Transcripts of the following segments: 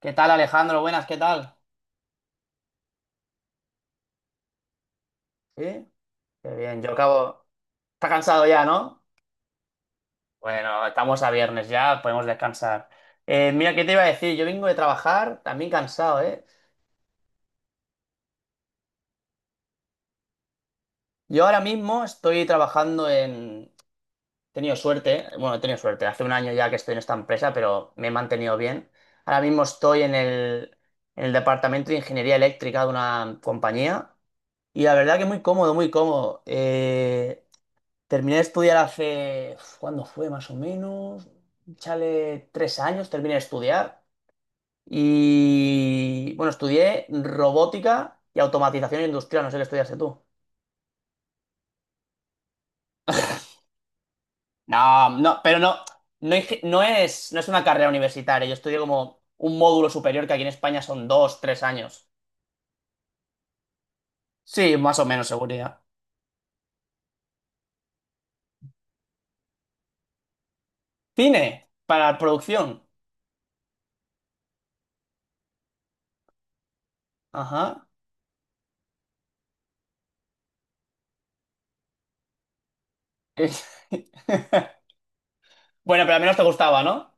¿Qué tal, Alejandro? Buenas, ¿qué tal? ¿Sí? Qué bien, yo acabo. Está cansado ya, ¿no? Bueno, estamos a viernes ya, podemos descansar. Mira, ¿qué te iba a decir? Yo vengo de trabajar, también cansado, ¿eh? Yo ahora mismo estoy trabajando en... He tenido suerte, bueno, he tenido suerte, hace un año ya que estoy en esta empresa, pero me he mantenido bien. Ahora mismo estoy en en el departamento de ingeniería eléctrica de una compañía y la verdad que muy cómodo, muy cómodo. Terminé de estudiar hace, uf, ¿cuándo fue más o menos? Chale, 3 años terminé de estudiar. Y bueno, estudié robótica y automatización industrial, no sé qué estudiaste tú. No, no, pero no, no, no es, no es una carrera universitaria, yo estudié como un módulo superior que aquí en España son dos, tres años. Sí, más o menos seguridad. Cine, para producción. Ajá. Bueno, pero al menos te gustaba, ¿no?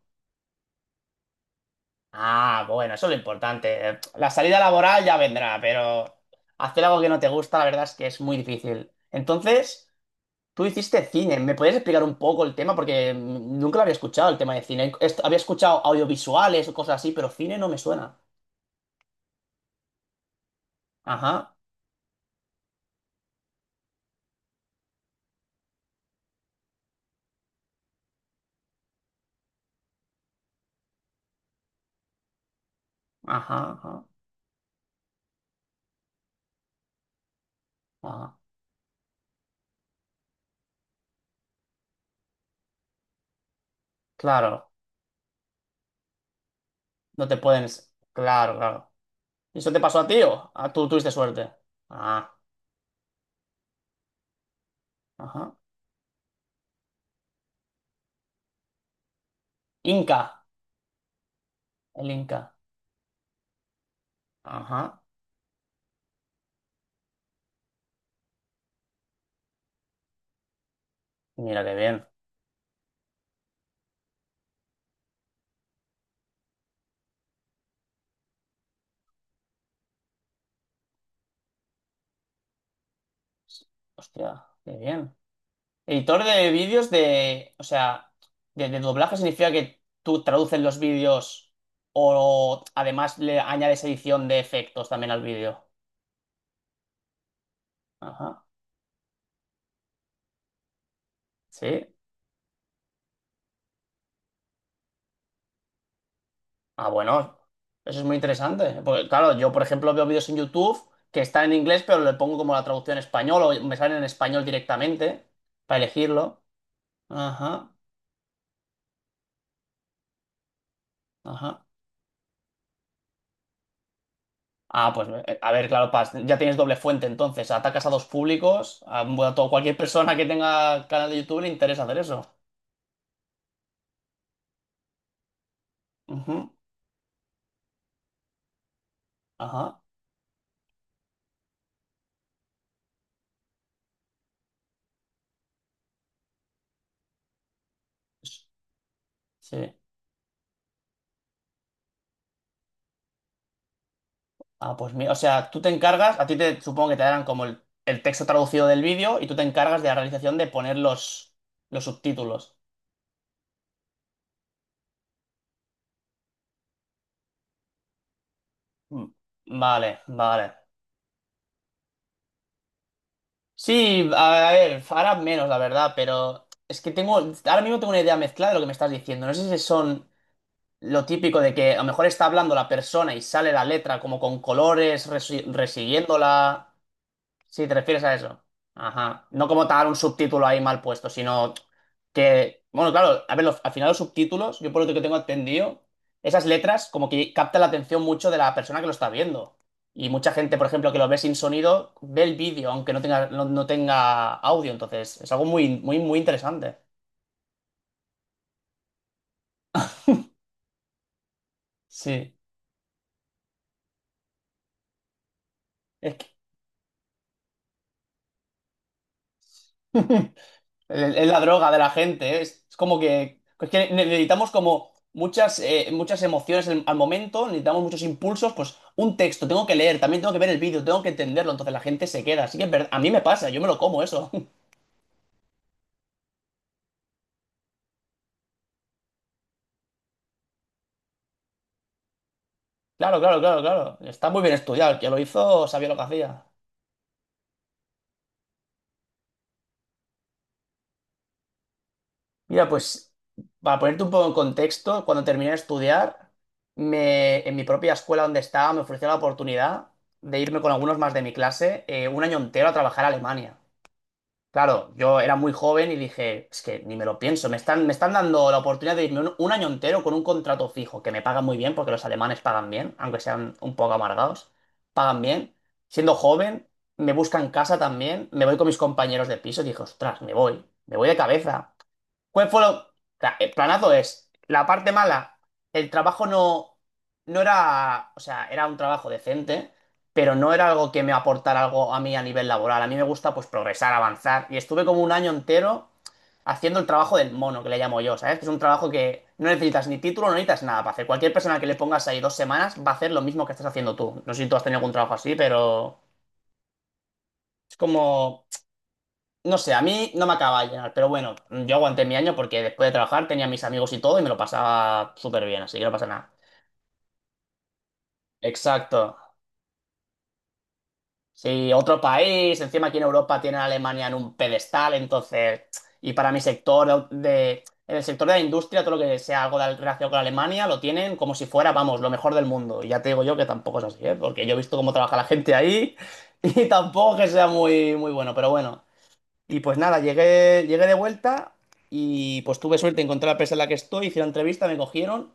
Ah, bueno, eso es lo importante. La salida laboral ya vendrá, pero hacer algo que no te gusta, la verdad es que es muy difícil. Entonces, tú hiciste cine. ¿Me puedes explicar un poco el tema? Porque nunca lo había escuchado, el tema de cine. Había escuchado audiovisuales o cosas así, pero cine no me suena. Ajá, ajá, ajá, ajá. Claro, no te pueden... Claro, claro. ¿Y eso te pasó a ti o ah, tú tuviste suerte? Ah, ajá. Inca, el Inca. Ajá, mira qué bien. Hostia, qué bien. Editor de vídeos de, o sea, de doblaje significa que tú traduces los vídeos o además le añades edición de efectos también al vídeo. Ajá, sí. Ah, bueno, eso es muy interesante. Porque, claro, yo, por ejemplo, veo vídeos en YouTube que están en inglés, pero le pongo como la traducción en español o me salen en español directamente para elegirlo. Ajá, ajá. Ah, pues a ver, claro, ya tienes doble fuente entonces. Atacas a dos públicos, a, bueno, a todo- cualquier persona que tenga canal de YouTube le interesa hacer eso. Ujú, ajá. Sí. Ah, pues mira, o sea, tú te encargas, a ti te supongo que te darán como el texto traducido del vídeo y tú te encargas de la realización de poner los subtítulos. Mm, vale, vale. Sí, a ver, ahora menos, la verdad, pero es que tengo, ahora mismo tengo una idea mezclada de lo que me estás diciendo. No sé si son... Lo típico de que a lo mejor está hablando la persona y sale la letra como con colores, resiguiéndola. Si te refieres a eso. Ajá. No como tal un subtítulo ahí mal puesto, sino que. Bueno, claro, a ver, los- al final los subtítulos, yo por lo que tengo entendido, esas letras como que captan la atención mucho de la persona que lo está viendo. Y mucha gente, por ejemplo, que lo ve sin sonido, ve el vídeo, aunque no tenga, no, no tenga audio. Entonces, es algo muy, muy, muy interesante. Sí. Es que... Es la droga de la gente, ¿eh? Es como que, es que necesitamos como muchas, muchas emociones en- al momento, necesitamos muchos impulsos, pues un texto, tengo que leer, también tengo que ver el vídeo, tengo que entenderlo, entonces la gente se queda. Así que es verdad, a mí me pasa, yo me lo como eso. Claro, claro, claro, claro. Está muy bien estudiado, el que lo hizo sabía lo que hacía. Mira, pues para ponerte un poco en contexto, cuando terminé de estudiar, en mi propia escuela donde estaba me ofreció la oportunidad de irme con algunos más de mi clase un año entero a trabajar a Alemania. Claro, yo era muy joven y dije, es que ni me lo pienso, me están dando la oportunidad de irme un año entero con un contrato fijo, que me pagan muy bien, porque los alemanes pagan bien, aunque sean un poco amargados, pagan bien. Siendo joven, me buscan casa también, me voy con mis compañeros de piso y dije, ostras, me voy de cabeza. ¿Cuál fue lo...? O el planazo es, la parte mala, el trabajo no, no era, o sea, era un trabajo decente, pero no era algo que me aportara algo a mí a nivel laboral. A mí me gusta pues progresar, avanzar. Y estuve como un año entero haciendo el trabajo del mono, que le llamo yo, ¿sabes? Que es un trabajo que no necesitas ni título, no necesitas nada para hacer. Cualquier persona que le pongas ahí 2 semanas va a hacer lo mismo que estás haciendo tú. No sé si tú has tenido algún trabajo así, pero es como no sé, a mí no me acaba de llenar, pero bueno, yo aguanté mi año porque después de trabajar tenía a mis amigos y todo y me lo pasaba súper bien, así que no pasa nada. Exacto. Sí, otro país, encima aquí en Europa tienen a Alemania en un pedestal, entonces, y para mi sector de, en el sector de la industria, todo lo que sea algo de relación con Alemania, lo tienen como si fuera, vamos, lo mejor del mundo. Y ya te digo yo que tampoco es así, ¿eh? Porque yo he visto cómo trabaja la gente ahí y tampoco que sea muy, muy bueno, pero bueno. Y pues nada, llegué, llegué de vuelta y pues tuve suerte, encontré la empresa en la que estoy, hice la entrevista, me cogieron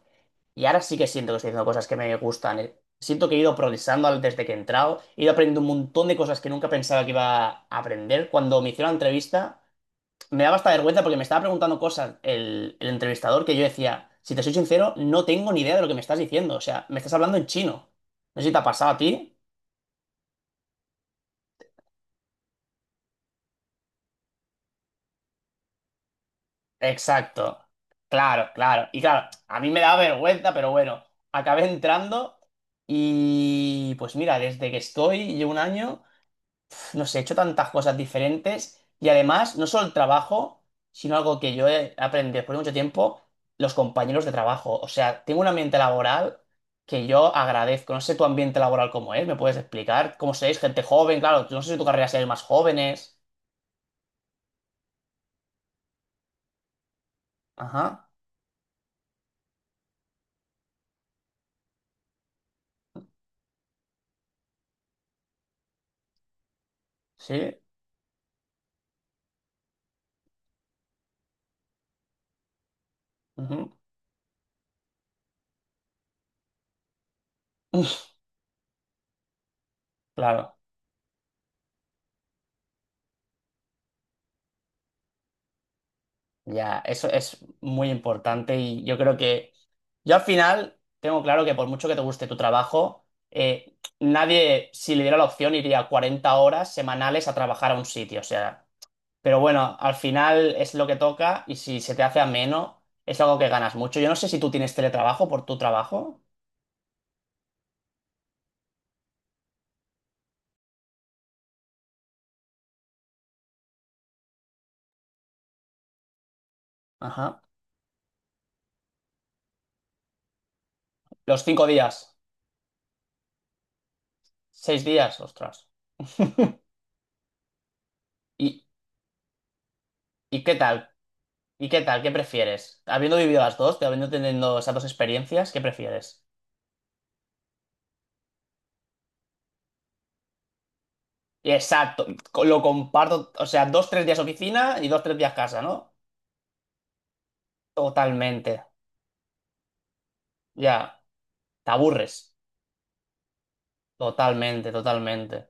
y ahora sí que siento que estoy haciendo cosas que me gustan. Siento que he ido progresando desde que he entrado, he ido aprendiendo un montón de cosas que nunca pensaba que iba a aprender. Cuando me hicieron la entrevista, me daba hasta vergüenza porque me estaba preguntando cosas el entrevistador que yo decía, si te soy sincero, no tengo ni idea de lo que me estás diciendo. O sea, me estás hablando en chino. No sé si te ha pasado a ti. Exacto. Claro, claro. Y claro, a mí me da vergüenza, pero bueno, acabé entrando y pues mira, desde que estoy, llevo un año, no sé, he hecho tantas cosas diferentes y además, no solo el trabajo, sino algo que yo he aprendido después de mucho tiempo, los compañeros de trabajo. O sea, tengo un ambiente laboral que yo agradezco. No sé tu ambiente laboral cómo es, ¿me puedes explicar cómo sois? Gente joven, claro, no sé si tu carrera sea más jóvenes. Ajá, sí. Ujú. Claro. Ya, eso es muy importante y yo creo que yo al final tengo claro que por mucho que te guste tu trabajo, nadie, si le diera la opción, iría 40 horas semanales a trabajar a un sitio, o sea, pero bueno, al final es lo que toca y si se te hace ameno, es algo que ganas mucho. Yo no sé si tú tienes teletrabajo por tu trabajo. Ajá. Los 5 días, 6 días, ostras. ¿Y, y qué tal? ¿Y qué tal? ¿Qué prefieres? Habiendo vivido las dos, habiendo tenido esas dos experiencias, ¿qué prefieres? Exacto, lo comparto, o sea, dos, tres días oficina y dos, tres días casa, ¿no? Totalmente, ya, te aburres, totalmente, totalmente,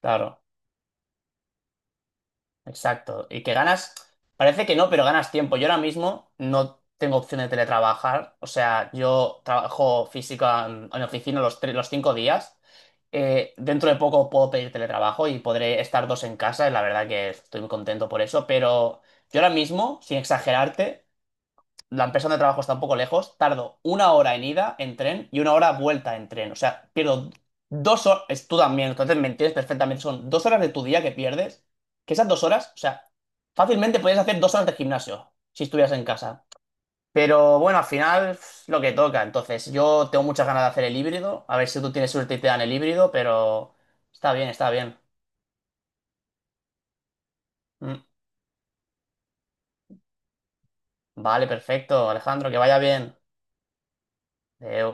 claro, exacto. Y que ganas, parece que no, pero ganas tiempo. Yo ahora mismo no tengo opción de teletrabajar, o sea, yo trabajo física en oficina los, tres, los 5 días. Dentro de poco puedo pedir teletrabajo y podré estar dos en casa, y la verdad que estoy muy contento por eso, pero yo ahora mismo, sin exagerarte, la empresa donde trabajo está un poco lejos, tardo una hora en ida en tren y una hora vuelta en tren. O sea, pierdo 2 horas, tú también, entonces me entiendes perfectamente, son 2 horas de tu día que pierdes, que esas 2 horas, o sea, fácilmente podrías hacer 2 horas de gimnasio si estuvieras en casa. Pero bueno, al final pf, lo que toca. Entonces, yo tengo muchas ganas de hacer el híbrido. A ver si tú tienes suerte y te dan el híbrido, pero está bien, está bien. Mm. Vale, perfecto, Alejandro, que vaya bien. Adeu.